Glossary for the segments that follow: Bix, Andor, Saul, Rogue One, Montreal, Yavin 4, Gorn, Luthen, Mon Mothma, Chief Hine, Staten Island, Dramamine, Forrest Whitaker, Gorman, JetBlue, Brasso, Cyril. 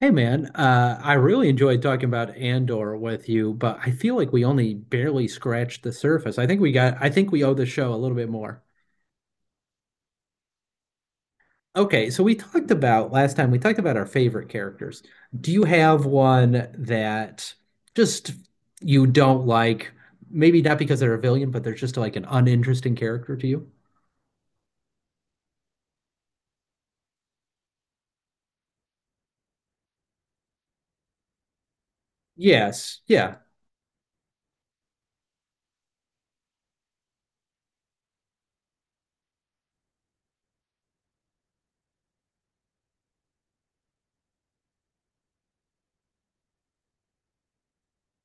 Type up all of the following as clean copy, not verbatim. Hey man, I really enjoyed talking about Andor with you, but I feel like we only barely scratched the surface. I think we owe the show a little bit more. Okay, so we talked about last time, we talked about our favorite characters. Do you have one that just you don't like? Maybe not because they're a villain, but they're just like an uninteresting character to you? Yes. Yeah.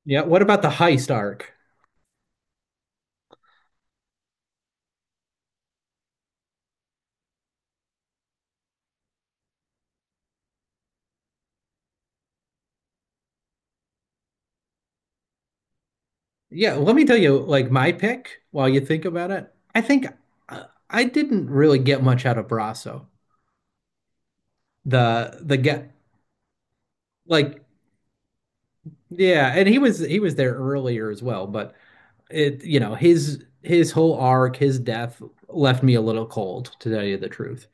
Yeah. What about the heist arc? Yeah, let me tell you, like my pick, while you think about it, I think uh, I didn't really get much out of Brasso. The get like yeah, and he was there earlier as well, but it you know his whole arc, his death left me a little cold, to tell you the truth.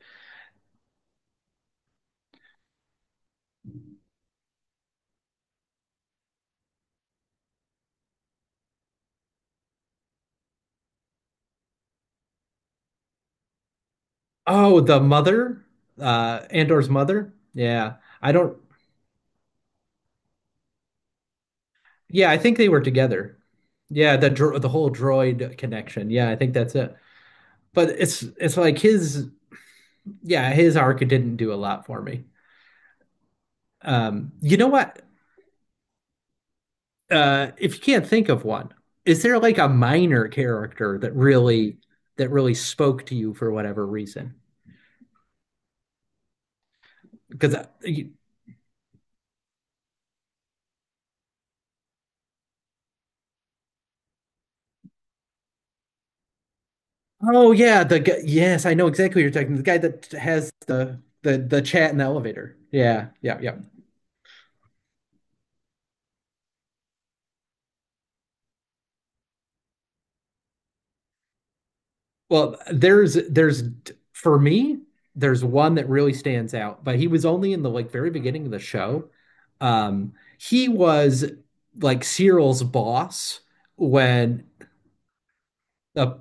Oh, the mother, Andor's mother. Yeah, I don't. Yeah, I think they were together. Yeah, the whole droid connection. Yeah, I think that's it. But it's like his yeah, his arc didn't do a lot for me. You know what? If you can't think of one, is there like a minor character that really spoke to you for whatever reason? Because you, oh yeah, the guy, yes, I know exactly what you're talking. The guy that has the chat in the elevator. Yeah, yeah, yeah. Well, there's for me, there's one that really stands out, but he was only in the like very beginning of the show. Um, he was like Cyril's boss when the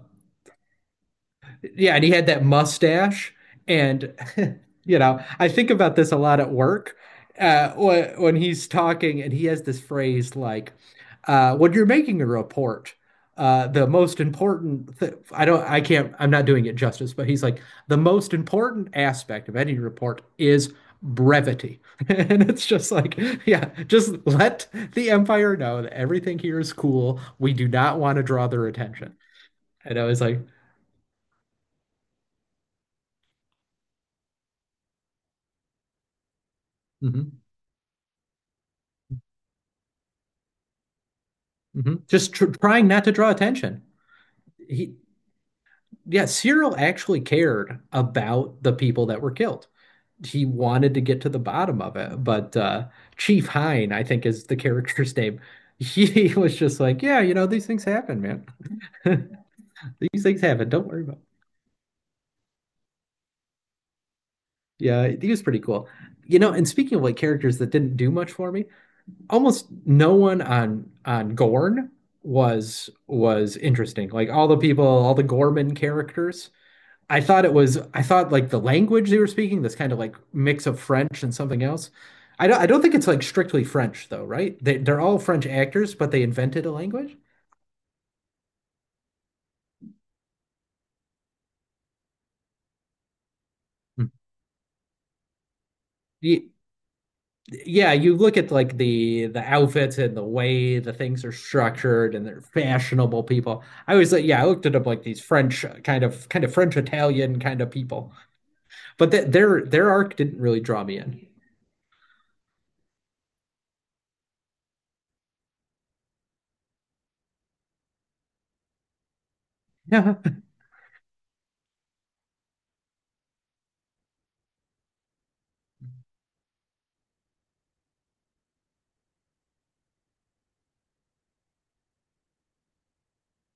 yeah, and he had that mustache, and you know, I think about this a lot at work. When he's talking, and he has this phrase like, "When you're making a report, the most important th I don't, I can't, I'm not doing it justice, but he's like, the most important aspect of any report is brevity," and it's just like, yeah, just let the Empire know that everything here is cool. We do not want to draw their attention. And I was like, mhm. Hmm. Just tr trying not to draw attention. He, yeah, Cyril actually cared about the people that were killed. He wanted to get to the bottom of it, but Chief Hine, I think, is the character's name. He was just like, yeah, you know, these things happen, man. These things happen. Don't worry about it. Yeah, he was pretty cool. You know, and speaking of like characters that didn't do much for me, almost no one on Gorn was interesting. Like all the people, all the Gorman characters I thought like the language they were speaking, this kind of like mix of French and something else. I don't think it's like strictly French though, right? They're all French actors, but they invented a language. Hmm. Ye- Yeah, you look at like the outfits and the way the things are structured and they're fashionable people. I was like, yeah, I looked at them like these French kind of French Italian kind of people. But th their arc didn't really draw me in. Yeah.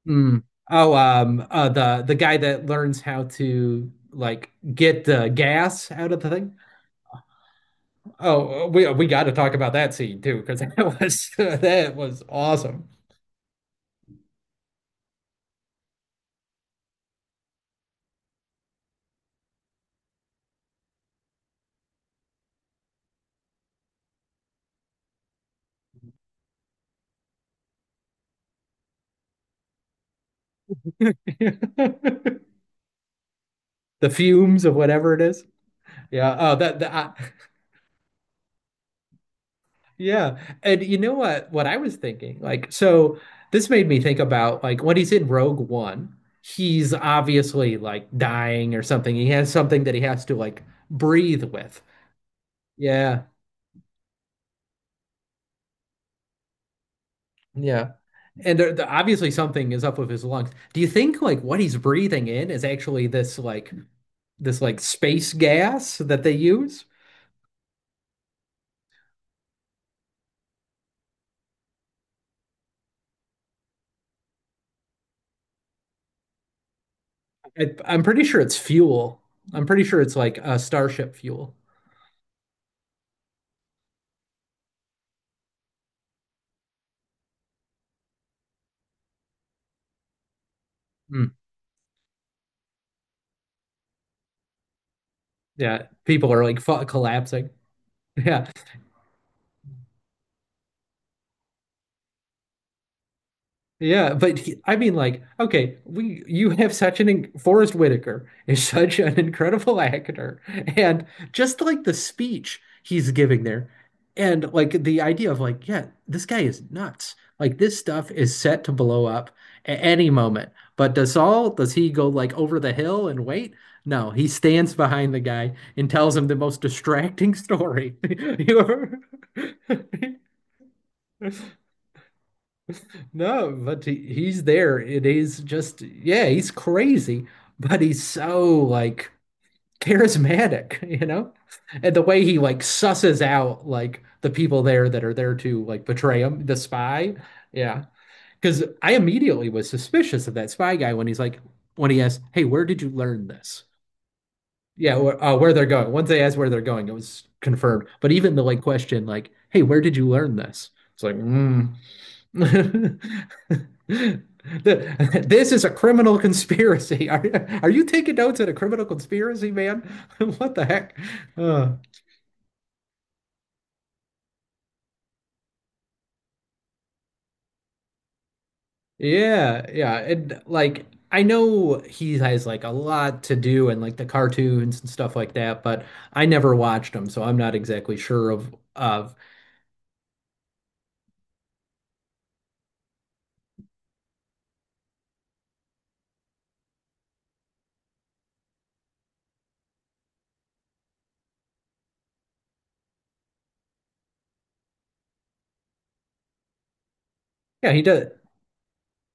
Mm. Oh, the guy that learns how to like get the gas out of the thing. Oh, we got to talk about that scene too, because that was that was awesome. The fumes of whatever it is. Yeah. Oh, yeah. And you know what? What I was thinking, like, so this made me think about like when he's in Rogue One, he's obviously like dying or something. He has something that he has to like breathe with. Yeah. Yeah. And obviously something is up with his lungs. Do you think like what he's breathing in is actually this like? This like space gas that they use. I'm pretty sure it's fuel. I'm pretty sure it's like a starship fuel. Mm, yeah, people are like collapsing. Yeah. Yeah, but I mean, like, okay, we you have such an Forrest Whitaker is such an incredible actor, and just like the speech he's giving there, and like the idea of like, yeah, this guy is nuts. Like this stuff is set to blow up at any moment. But does Saul, does he go like over the hill and wait? No, he stands behind the guy and tells him the most distracting story. You ever- No, but he's there. It is just, yeah, he's crazy, but he's so like charismatic, you know? And the way he like susses out like the people there that are there to like betray him, the spy. Yeah. Because I immediately was suspicious of that spy guy when he's like, when he asked, "Hey, where did you learn this?" Yeah, wh where they're going. Once they asked where they're going, it was confirmed. But even the like question, like, "Hey, where did you learn this?" It's like, mm. The- This is a criminal conspiracy. Are you taking notes at a criminal conspiracy, man? What the heck? Uh, yeah, yeah. And like, I know he has like a lot to do and like the cartoons and stuff like that, but I never watched him, so I'm not exactly sure of yeah, he does.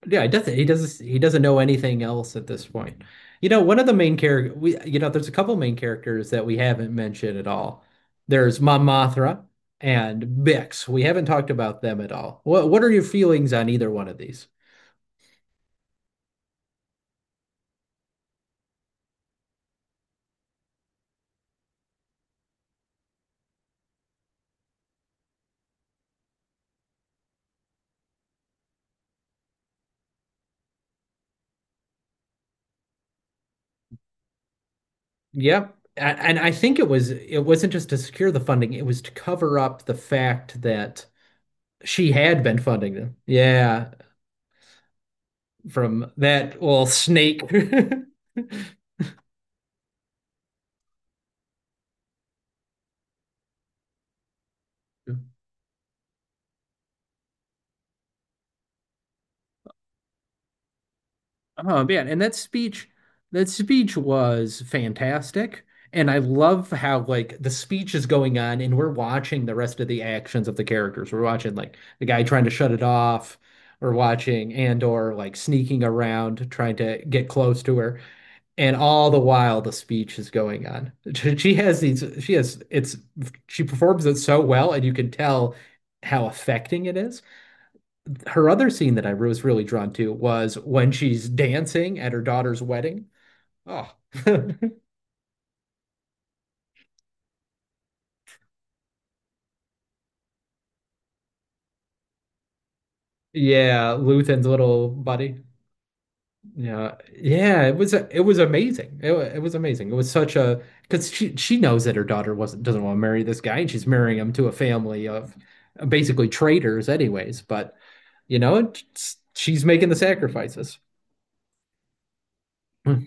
Yeah, he doesn't. He doesn't. He doesn't know anything else at this point. You know, one of the main character we, you know, there's a couple main characters that we haven't mentioned at all. There's Mon Mothma and Bix. We haven't talked about them at all. What are your feelings on either one of these? Yep. And I think it was it wasn't just to secure the funding, it was to cover up the fact that she had been funding them. Yeah, from that little snake. Oh man, and that speech was fantastic. And I love how like the speech is going on and we're watching the rest of the actions of the characters. We're watching like the guy trying to shut it off. We're watching Andor like sneaking around trying to get close to her. And all the while the speech is going on. She has it's she performs it so well and you can tell how affecting it is. Her other scene that I was really drawn to was when she's dancing at her daughter's wedding. Oh, yeah, Luthen's little buddy. Yeah, yeah, it was amazing. It was amazing. It was such a because she knows that her daughter wasn't doesn't want to marry this guy, and she's marrying him to a family of basically traitors, anyways. But you know, she's making the sacrifices. Mm.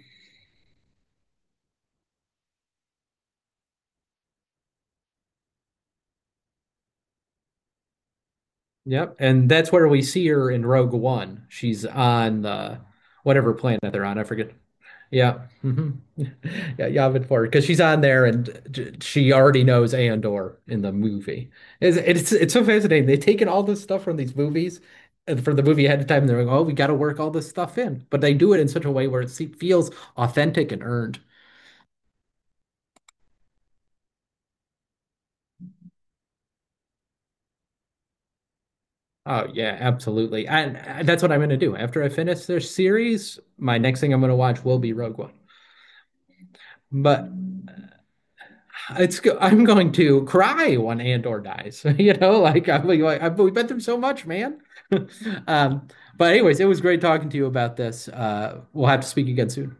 Yep, and that's where we see her in Rogue One. She's on the whatever planet they're on. I forget. Yeah. Mhm. Yeah, Yavin 4 because she's on there and she already knows Andor in the movie. It's so fascinating. They've taken all this stuff from these movies and from the movie ahead of time and they're like, "Oh, we got to work all this stuff in." But they do it in such a way where it feels authentic and earned. Oh, yeah, absolutely. And that's what I'm going to do. After I finish this series, my next thing I'm going to watch will be Rogue One. But it's I'm going to cry when Andor dies. You know, like I'm like, I've, we've been through so much, man. Um, but anyways, it was great talking to you about this. We'll have to speak again soon.